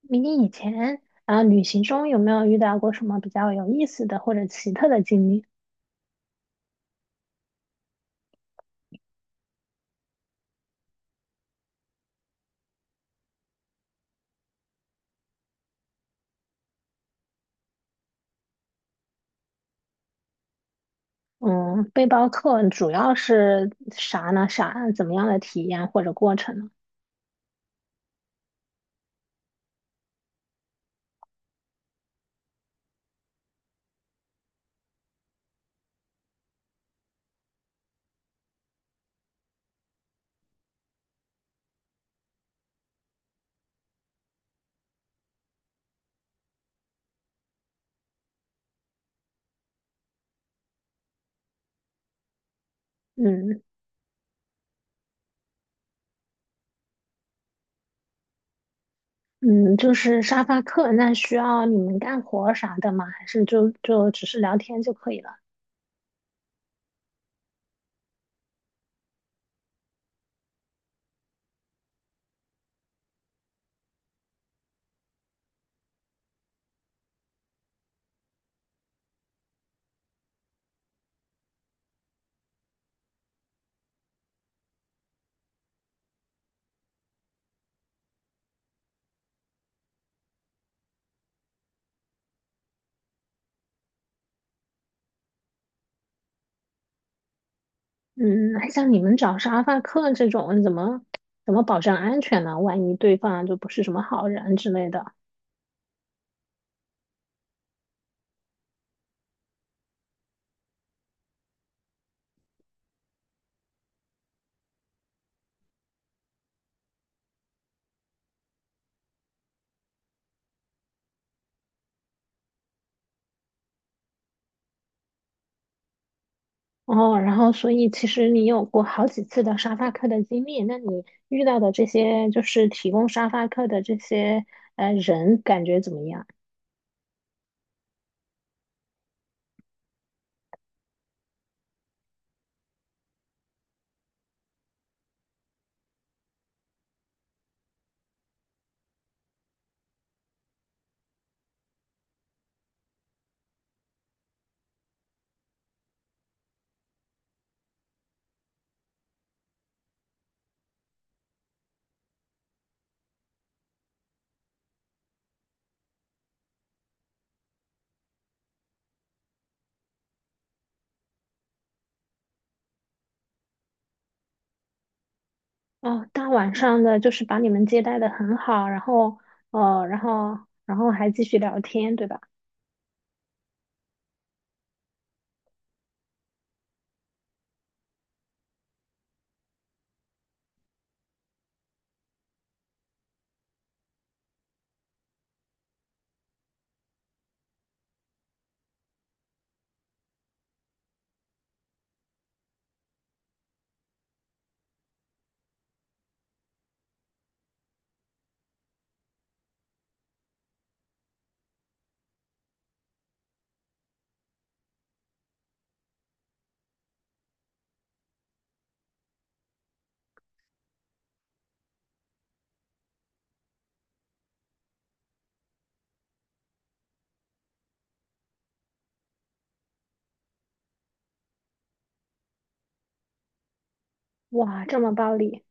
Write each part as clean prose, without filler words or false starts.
迷你以前啊，旅行中有没有遇到过什么比较有意思的或者奇特的经历？嗯，背包客主要是啥呢？啥怎么样的体验或者过程呢？嗯嗯，就是沙发客，那需要你们干活儿啥的吗？还是就只是聊天就可以了？嗯，那像你们找沙发客这种，怎么保证安全呢？万一对方就不是什么好人之类的。哦，然后所以其实你有过好几次的沙发客的经历，那你遇到的这些就是提供沙发客的这些人，感觉怎么样？哦，大晚上的就是把你们接待的很好，然后然后然后还继续聊天，对吧？哇，这么暴力。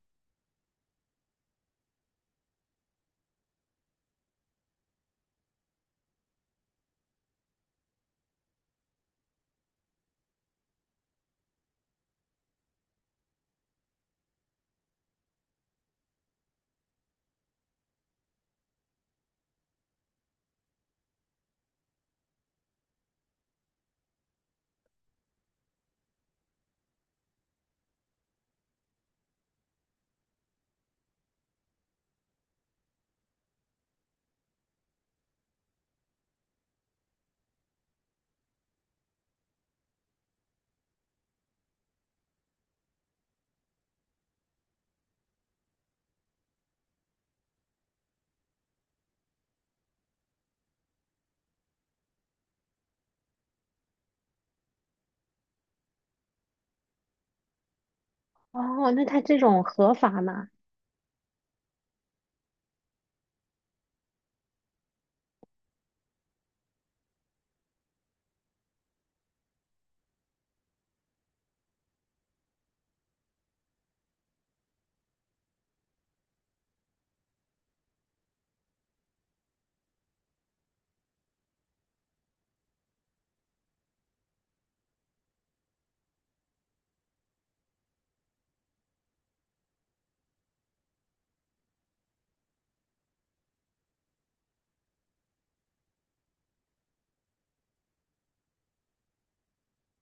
哦，那他这种合法吗？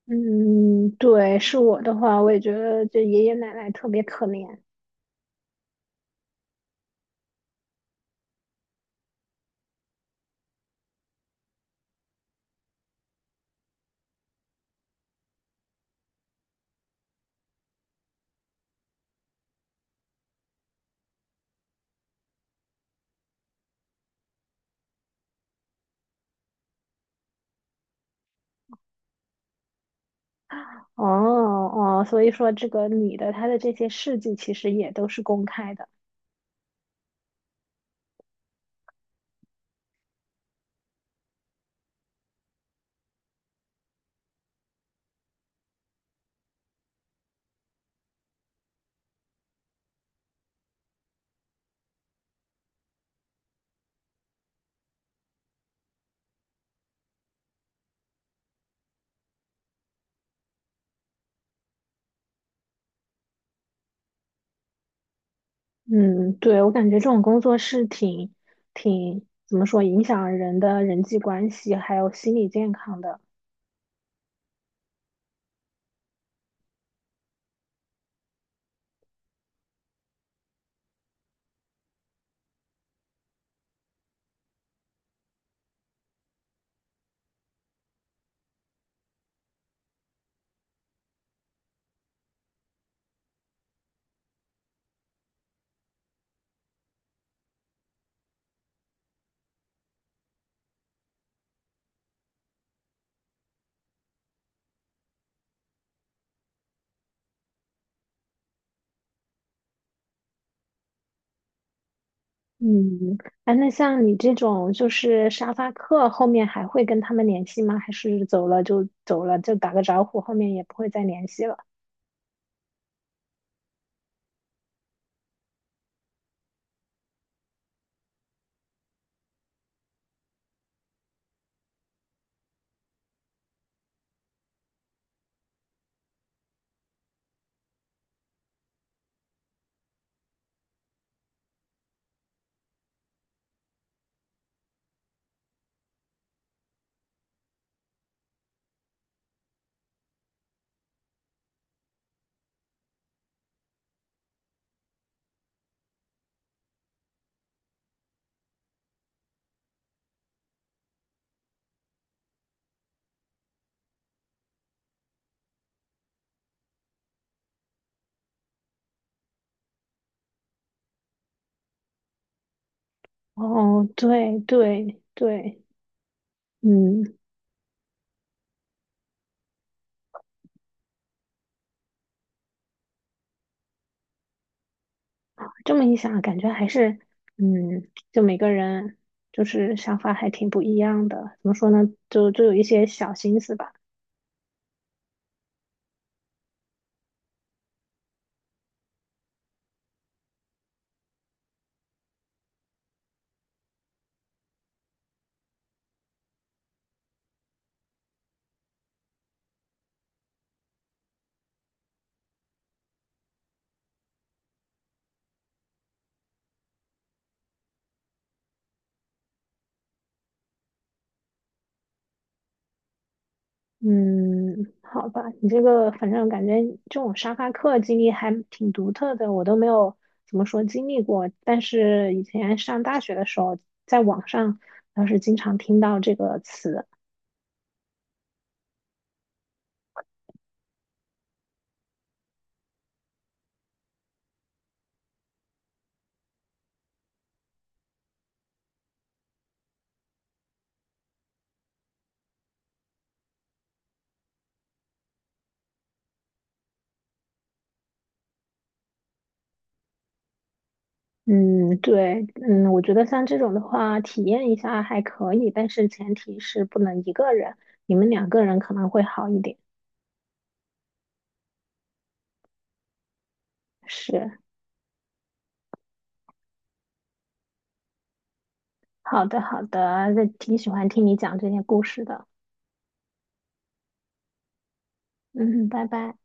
嗯，对，是我的话，我也觉得这爷爷奶奶特别可怜。哦哦，所以说这个女的她的这些事迹其实也都是公开的。嗯，对，我感觉这种工作是挺怎么说，影响人的人际关系还有心理健康的。嗯，哎，那像你这种就是沙发客，后面还会跟他们联系吗？还是走了就走了，就打个招呼，后面也不会再联系了？哦，对对对，嗯，这么一想，感觉还是嗯，就每个人就是想法还挺不一样的。怎么说呢？就有一些小心思吧。嗯，好吧，你这个反正感觉这种沙发客经历还挺独特的，我都没有怎么说经历过。但是以前上大学的时候，在网上倒是经常听到这个词。嗯，对，嗯，我觉得像这种的话，体验一下还可以，但是前提是不能一个人，你们两个人可能会好一点。是，好的，好的，那挺喜欢听你讲这些故事的。嗯，拜拜。